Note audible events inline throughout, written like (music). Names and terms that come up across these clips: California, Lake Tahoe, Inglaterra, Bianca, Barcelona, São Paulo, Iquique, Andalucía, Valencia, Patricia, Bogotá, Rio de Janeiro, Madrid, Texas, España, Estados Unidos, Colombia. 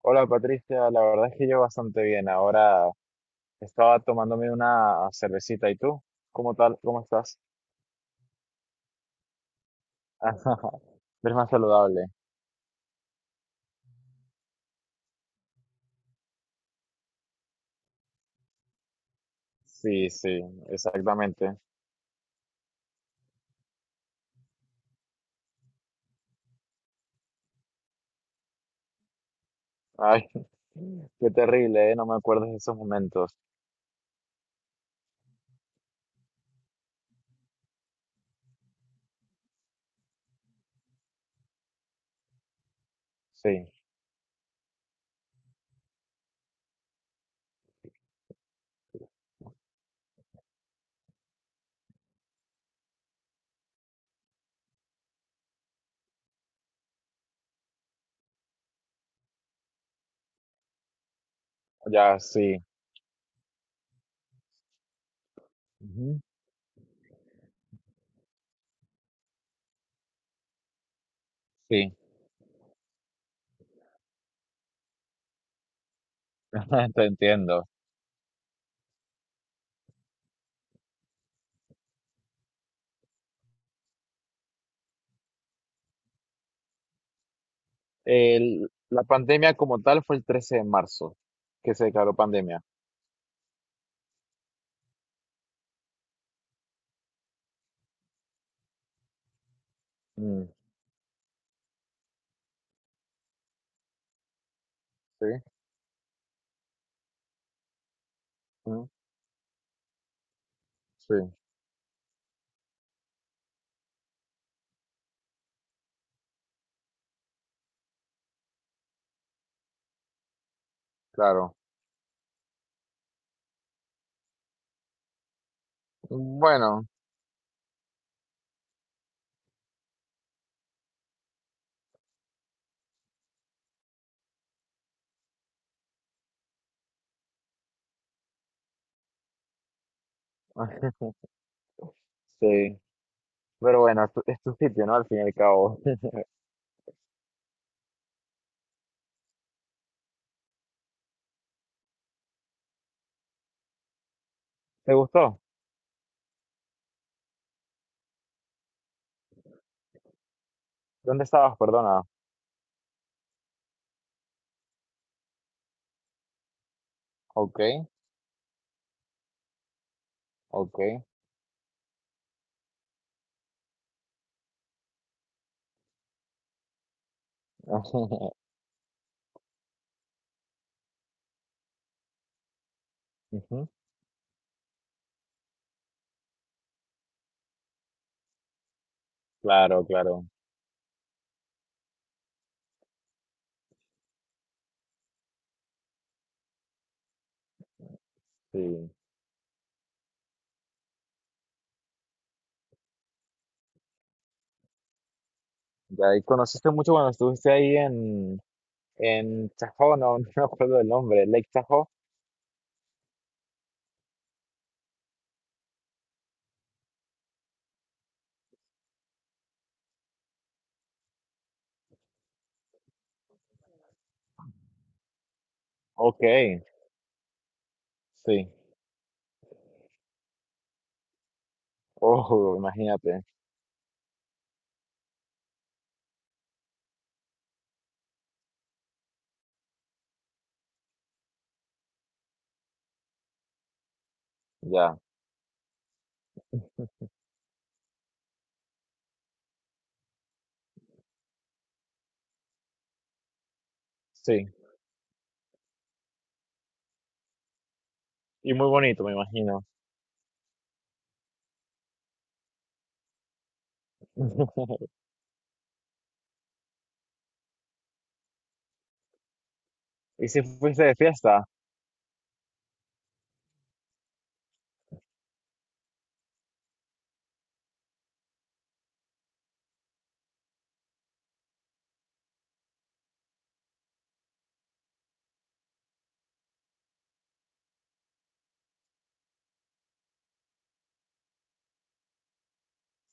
Hola Patricia, la verdad es que yo bastante bien. Ahora estaba tomándome una cervecita. ¿Y tú? ¿Cómo tal? ¿Cómo estás? (laughs) Eres más saludable. Sí, sí, exactamente. Ay, (laughs) qué terrible, ¿eh? No me acuerdo de esos momentos. Sí, ya sí. Ujú, sí, (laughs) te entiendo. La pandemia como tal fue el 13 de marzo que se declaró pandemia. Mm, sí, mm, sí, claro. Bueno, (laughs) sí. Pero bueno, es tu sitio, ¿no? Al fin y al cabo. (laughs) ¿Te gustó? ¿Dónde estabas? Perdona. Ok, ok. (laughs) Ujú. Claro, claro. Sí. Ya, y conociste mucho cuando estuviste ahí en Tahoe, no, (laughs) no me acuerdo el nombre, Lake Tahoe. Ok, sí. Oh, imagínate. Ya, sí. Y muy bonito, me imagino. (laughs) ¿Y si fuiste de fiesta?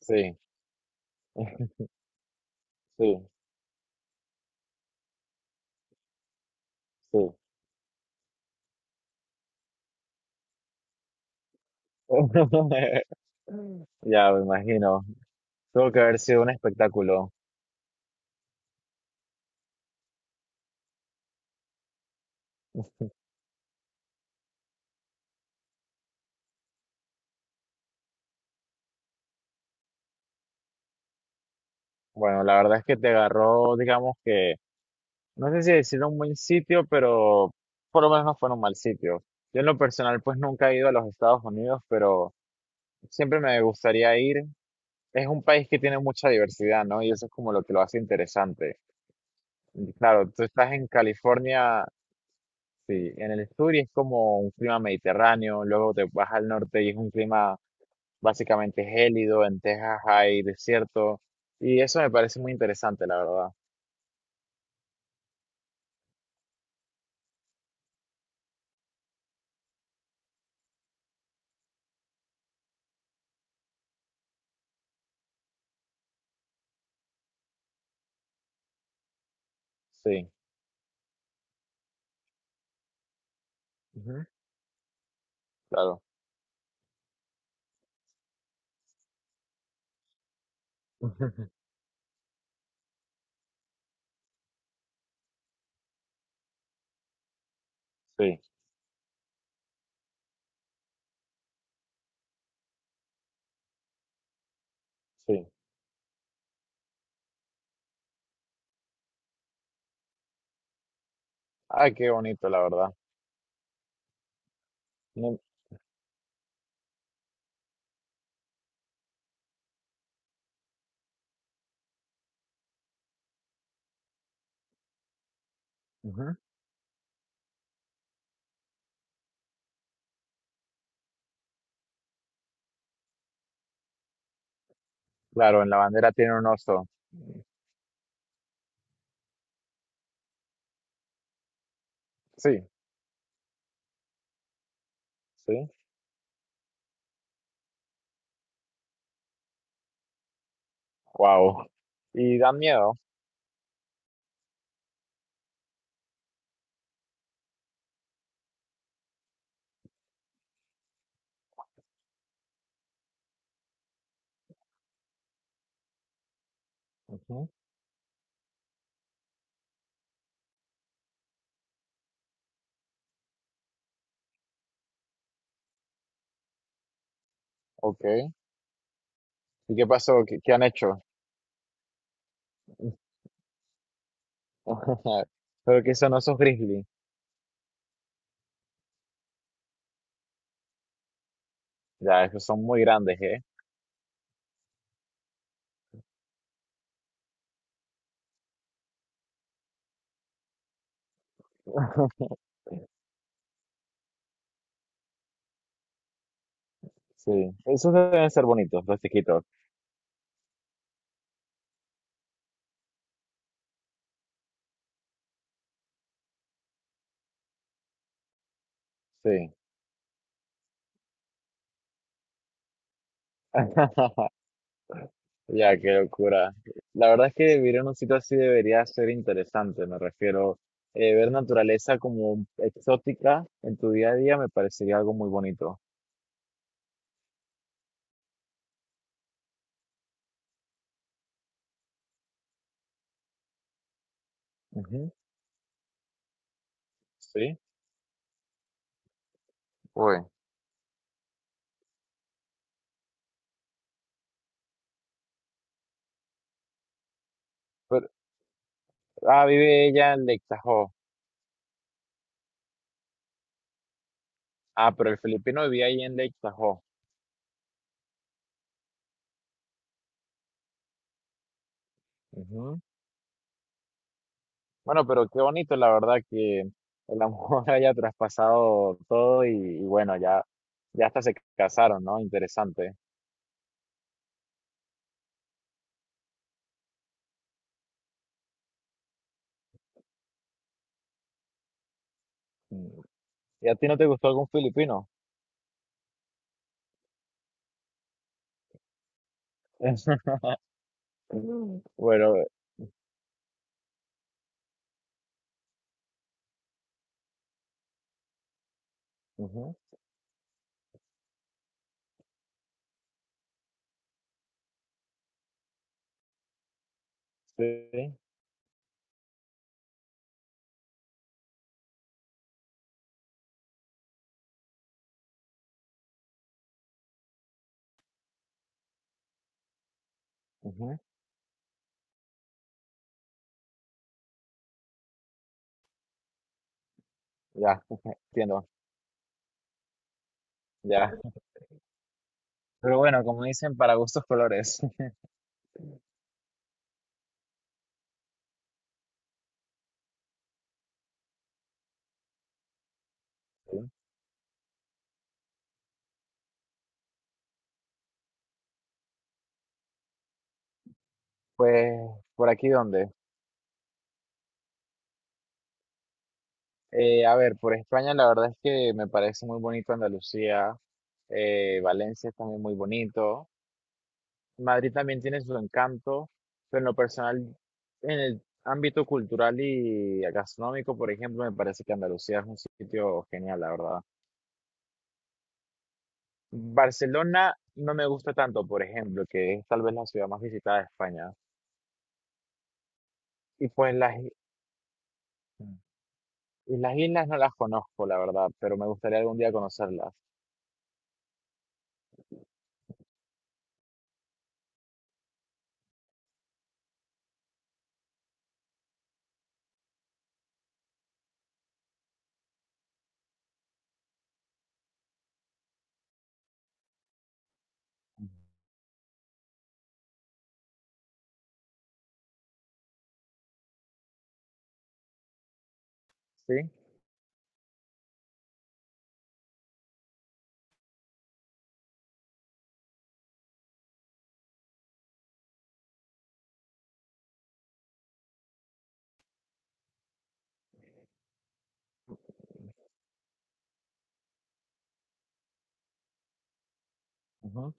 Sí, sí, sí. (laughs) Ya, me imagino. Tuvo que haber sido un espectáculo. Bueno, la verdad es que te agarró, digamos que, no sé si decir un buen sitio, pero por lo menos no fue en un mal sitio. Yo en lo personal pues nunca he ido a los Estados Unidos, pero siempre me gustaría ir. Es un país que tiene mucha diversidad, ¿no? Y eso es como lo que lo hace interesante. Y claro, tú estás en California, sí, en el sur y es como un clima mediterráneo, luego te vas al norte y es un clima básicamente gélido, en Texas hay desierto, y eso me parece muy interesante, la verdad. Sí. Ujú. Claro. Ujú. Sí, sí. Ay, qué bonito, la verdad. No- ujú. Claro, en la bandera tiene un oso. Sí, sí. Wow. Y dan miedo. Ujú, ok. ¿Y qué pasó? ¿Qué, qué han hecho? (laughs) Pero que son osos grizzly. Ya, esos son muy grandes, ¿eh? (laughs) Sí. Esos deben ser bonitos, los chiquitos. Sí. (laughs) Ya, qué locura. La verdad es que vivir en un sitio así debería ser interesante, me refiero. Ver naturaleza como exótica en tu día a día me parecería algo muy bonito. Ujú, sí. Uy, pero, ah, vive ella en Lake Tahoe. Ah, pero el filipino vivía ahí en Lake Tahoe. Ujú. Bueno, pero qué bonito, la verdad, que el amor (laughs) haya traspasado todo y bueno, ya, ya hasta se casaron, ¿no? Interesante. Mm. ¿Y a ti no te gustó algún filipino? (laughs) Mm. Bueno, ujú, sí, ujú, ya, entiendo, ya. Pero bueno, como dicen, para gustos colores. (laughs) Pues, ¿por aquí dónde? A ver, por España la verdad es que me parece muy bonito Andalucía, Valencia es también muy bonito, Madrid también tiene su encanto, pero en lo personal, en el ámbito cultural y gastronómico, por ejemplo, me parece que Andalucía es un sitio genial, la verdad. Barcelona no me gusta tanto, por ejemplo, que es tal vez la ciudad más visitada de España. Y pues las, i- y las islas no las conozco, la verdad, pero me gustaría algún día conocerlas. ¿Sí? Ujú.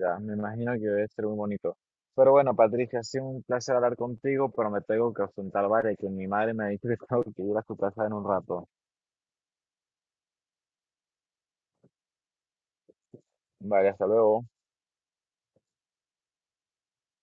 Ya, me imagino que debe ser muy bonito. Pero bueno, Patricia, ha sido un placer hablar contigo, pero me tengo que ausentar, vale, que mi madre me ha dicho que (laughs) tengo que ir a su casa en un rato. Vale, hasta luego.